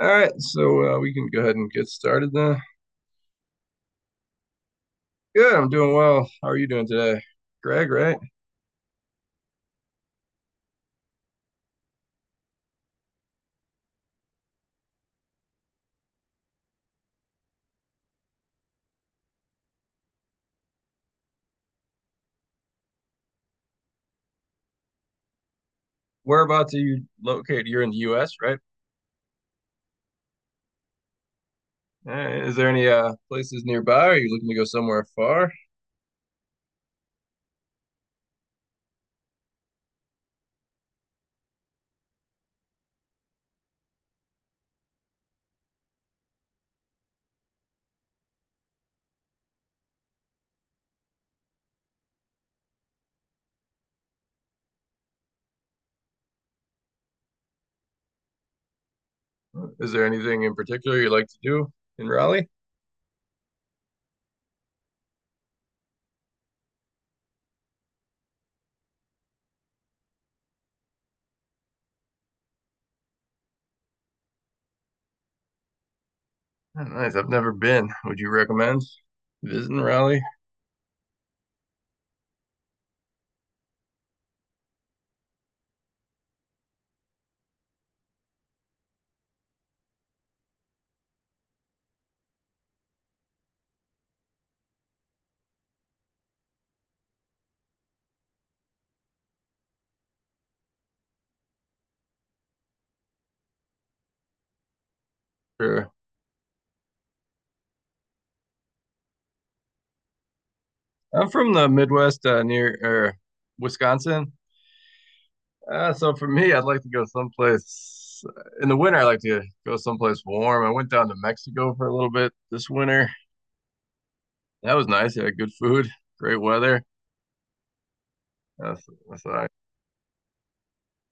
All right, we can go ahead and get started then. Good, I'm doing well. How are you doing today, Greg? Right? Whereabouts are you located? You're in the U.S., right? All right, is there any places nearby? Are you looking to go somewhere far? Is there anything in particular you like to do in Raleigh? Oh, nice. I've never been. Would you recommend visiting Raleigh? Sure. I'm from the Midwest, near Wisconsin. So for me, I'd like to go someplace in the winter. I like to go someplace warm. I went down to Mexico for a little bit this winter. That was nice. Yeah, good food, great weather. Uh, so, so I,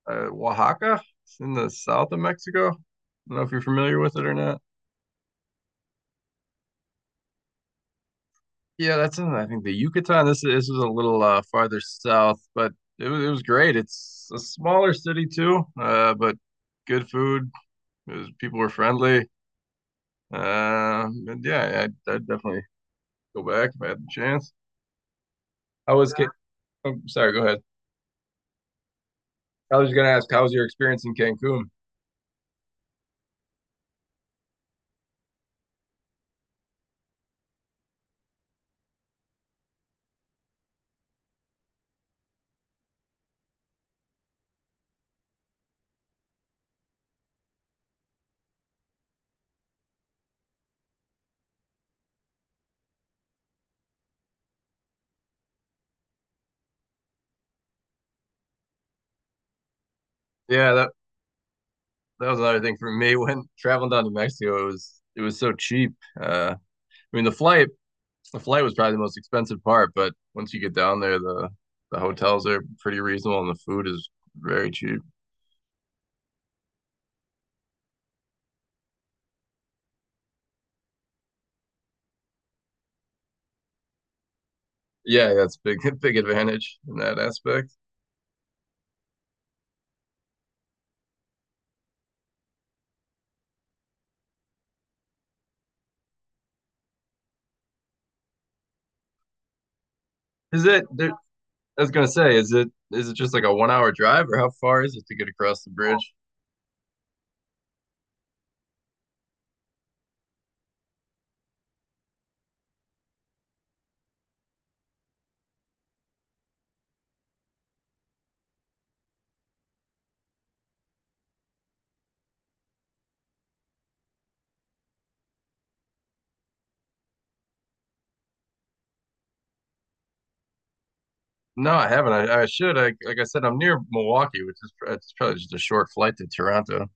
Oaxaca, it's in the south of Mexico. I don't know if you're familiar with it or not. Yeah, that's in I think the Yucatan. This is a little farther south, but it was great. It's a smaller city too, but good food. It was, people were friendly. And yeah, I definitely go back if I had the chance. I was, Ca- oh, sorry, go ahead. I was going to ask, how was your experience in Cancun? Yeah, that was another thing for me when traveling down to Mexico. It was so cheap. Uh, I mean, the flight was probably the most expensive part, but once you get down there, the hotels are pretty reasonable and the food is very cheap. Yeah, that's big big advantage in that aspect. Is it? I was gonna say, is it just like a 1 hour drive, or how far is it to get across the bridge? No, I haven't. I should. Like I said, I'm near Milwaukee, which is it's probably just a short flight to Toronto.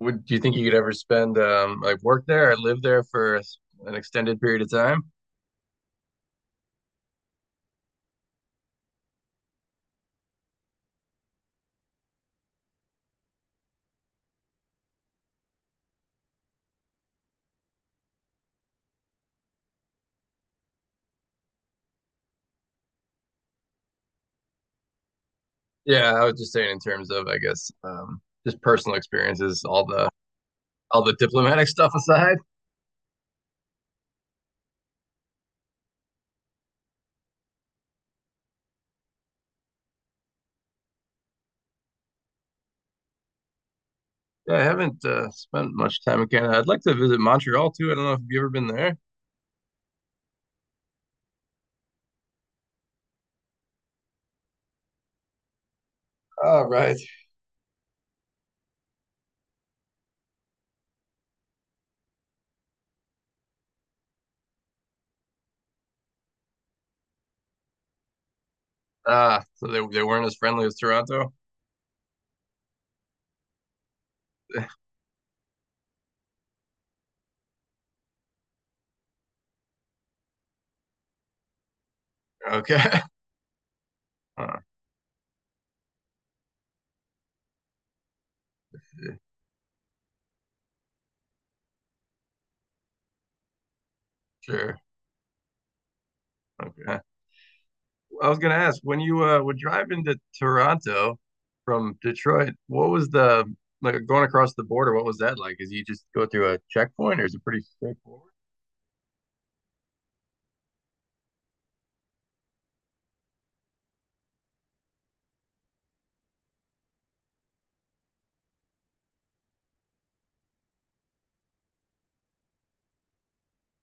Would do you think you could ever spend like work there or live there for an extended period of time? Yeah, I was just saying in terms of I guess just personal experiences, all the diplomatic stuff aside. Yeah, I haven't spent much time in Canada. I'd like to visit Montreal too. I don't know if you've ever been there. Oh, right. Ah, so they weren't as friendly as Toronto. Okay. Huh, sure. Okay. I was gonna ask when you were driving to Toronto from Detroit, what was the like going across the border? What was that like? Is you just go through a checkpoint, or is it pretty straightforward?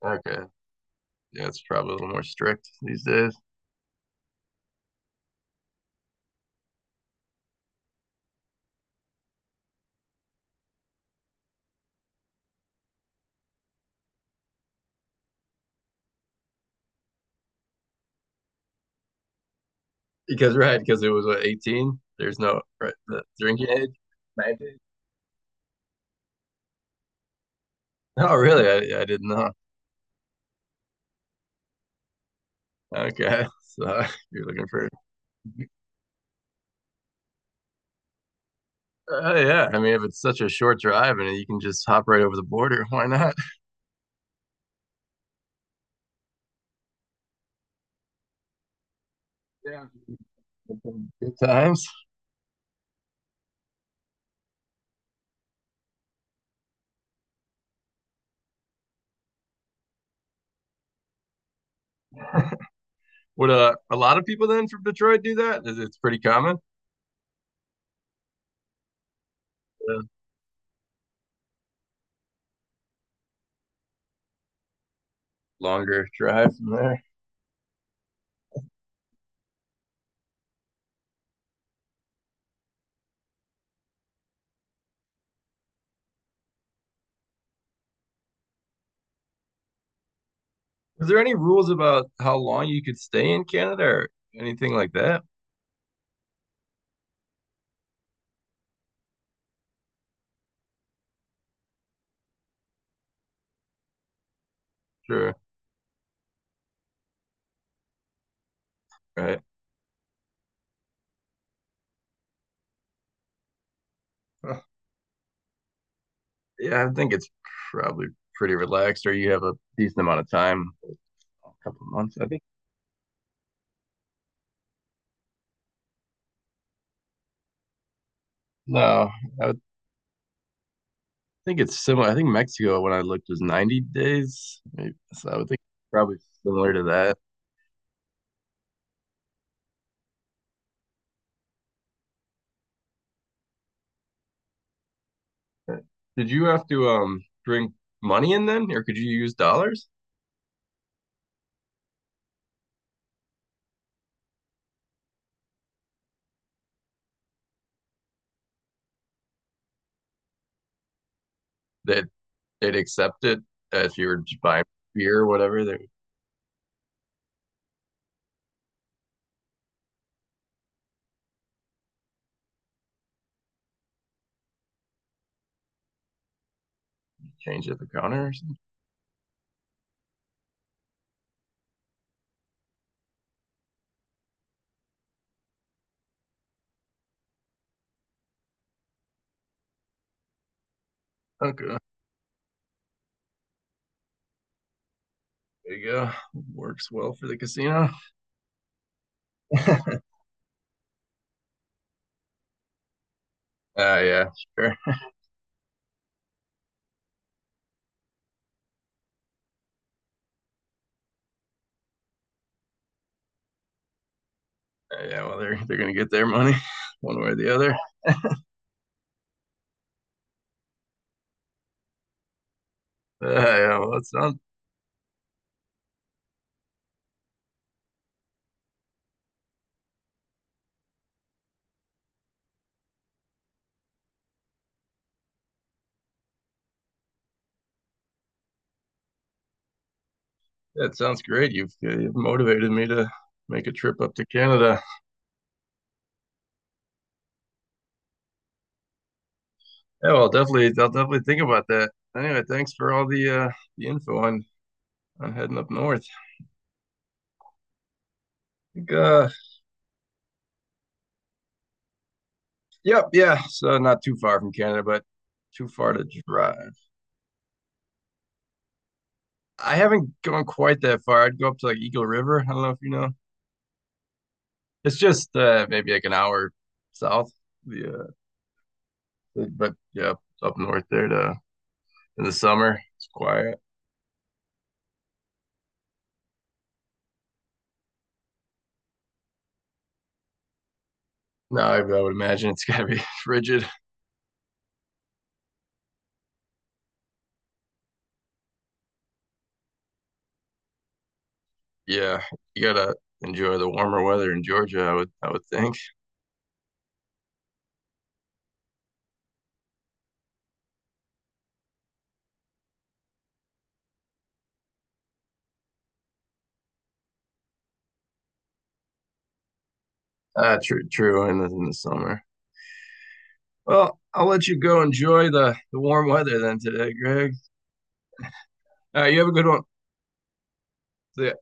Okay, yeah, it's probably a little more strict these days because right because it was what, 18. There's no right, the drinking age. 19. Oh, really? I didn't know. Okay, so you're looking for yeah. I mean, if it's such a short drive and you can just hop right over the border, why not? Yeah, good times. Would a lot of people then from Detroit do that? Is it's pretty common? A longer drive from there. Is there any rules about how long you could stay in Canada or anything like that? Sure. Right. Huh. Yeah, I think it's probably pretty relaxed, or you have a decent amount of time, a couple of months, I think. No, I would think it's similar. I think Mexico, when I looked, was 90 days. Maybe. So I would think probably similar to that. Did you have to bring money in then, or could you use dollars? That they'd accept it if you were buying beer or whatever. They would change at the counter or something. Okay, there you go. Works well for the casino. uh, yeah, sure. Yeah, well, they're gonna get their money one way or the other. Yeah, well, that sounds great. You've motivated me to make a trip up to Canada. Yeah, well, definitely, I'll definitely think about that. Anyway, thanks for all the info on heading up north. I think, yep, yeah, so not too far from Canada, but too far to drive. I haven't gone quite that far. I'd go up to like Eagle River. I don't know if you know. It's just maybe like an hour south. Yeah, but yeah, up north there to in the summer. It's quiet. No, I would imagine it's gotta be frigid. Yeah, you gotta enjoy the warmer weather in Georgia. I would think. True, true. In in the summer. Well, I'll let you go enjoy the warm weather then today, Greg. You have a good one. See ya.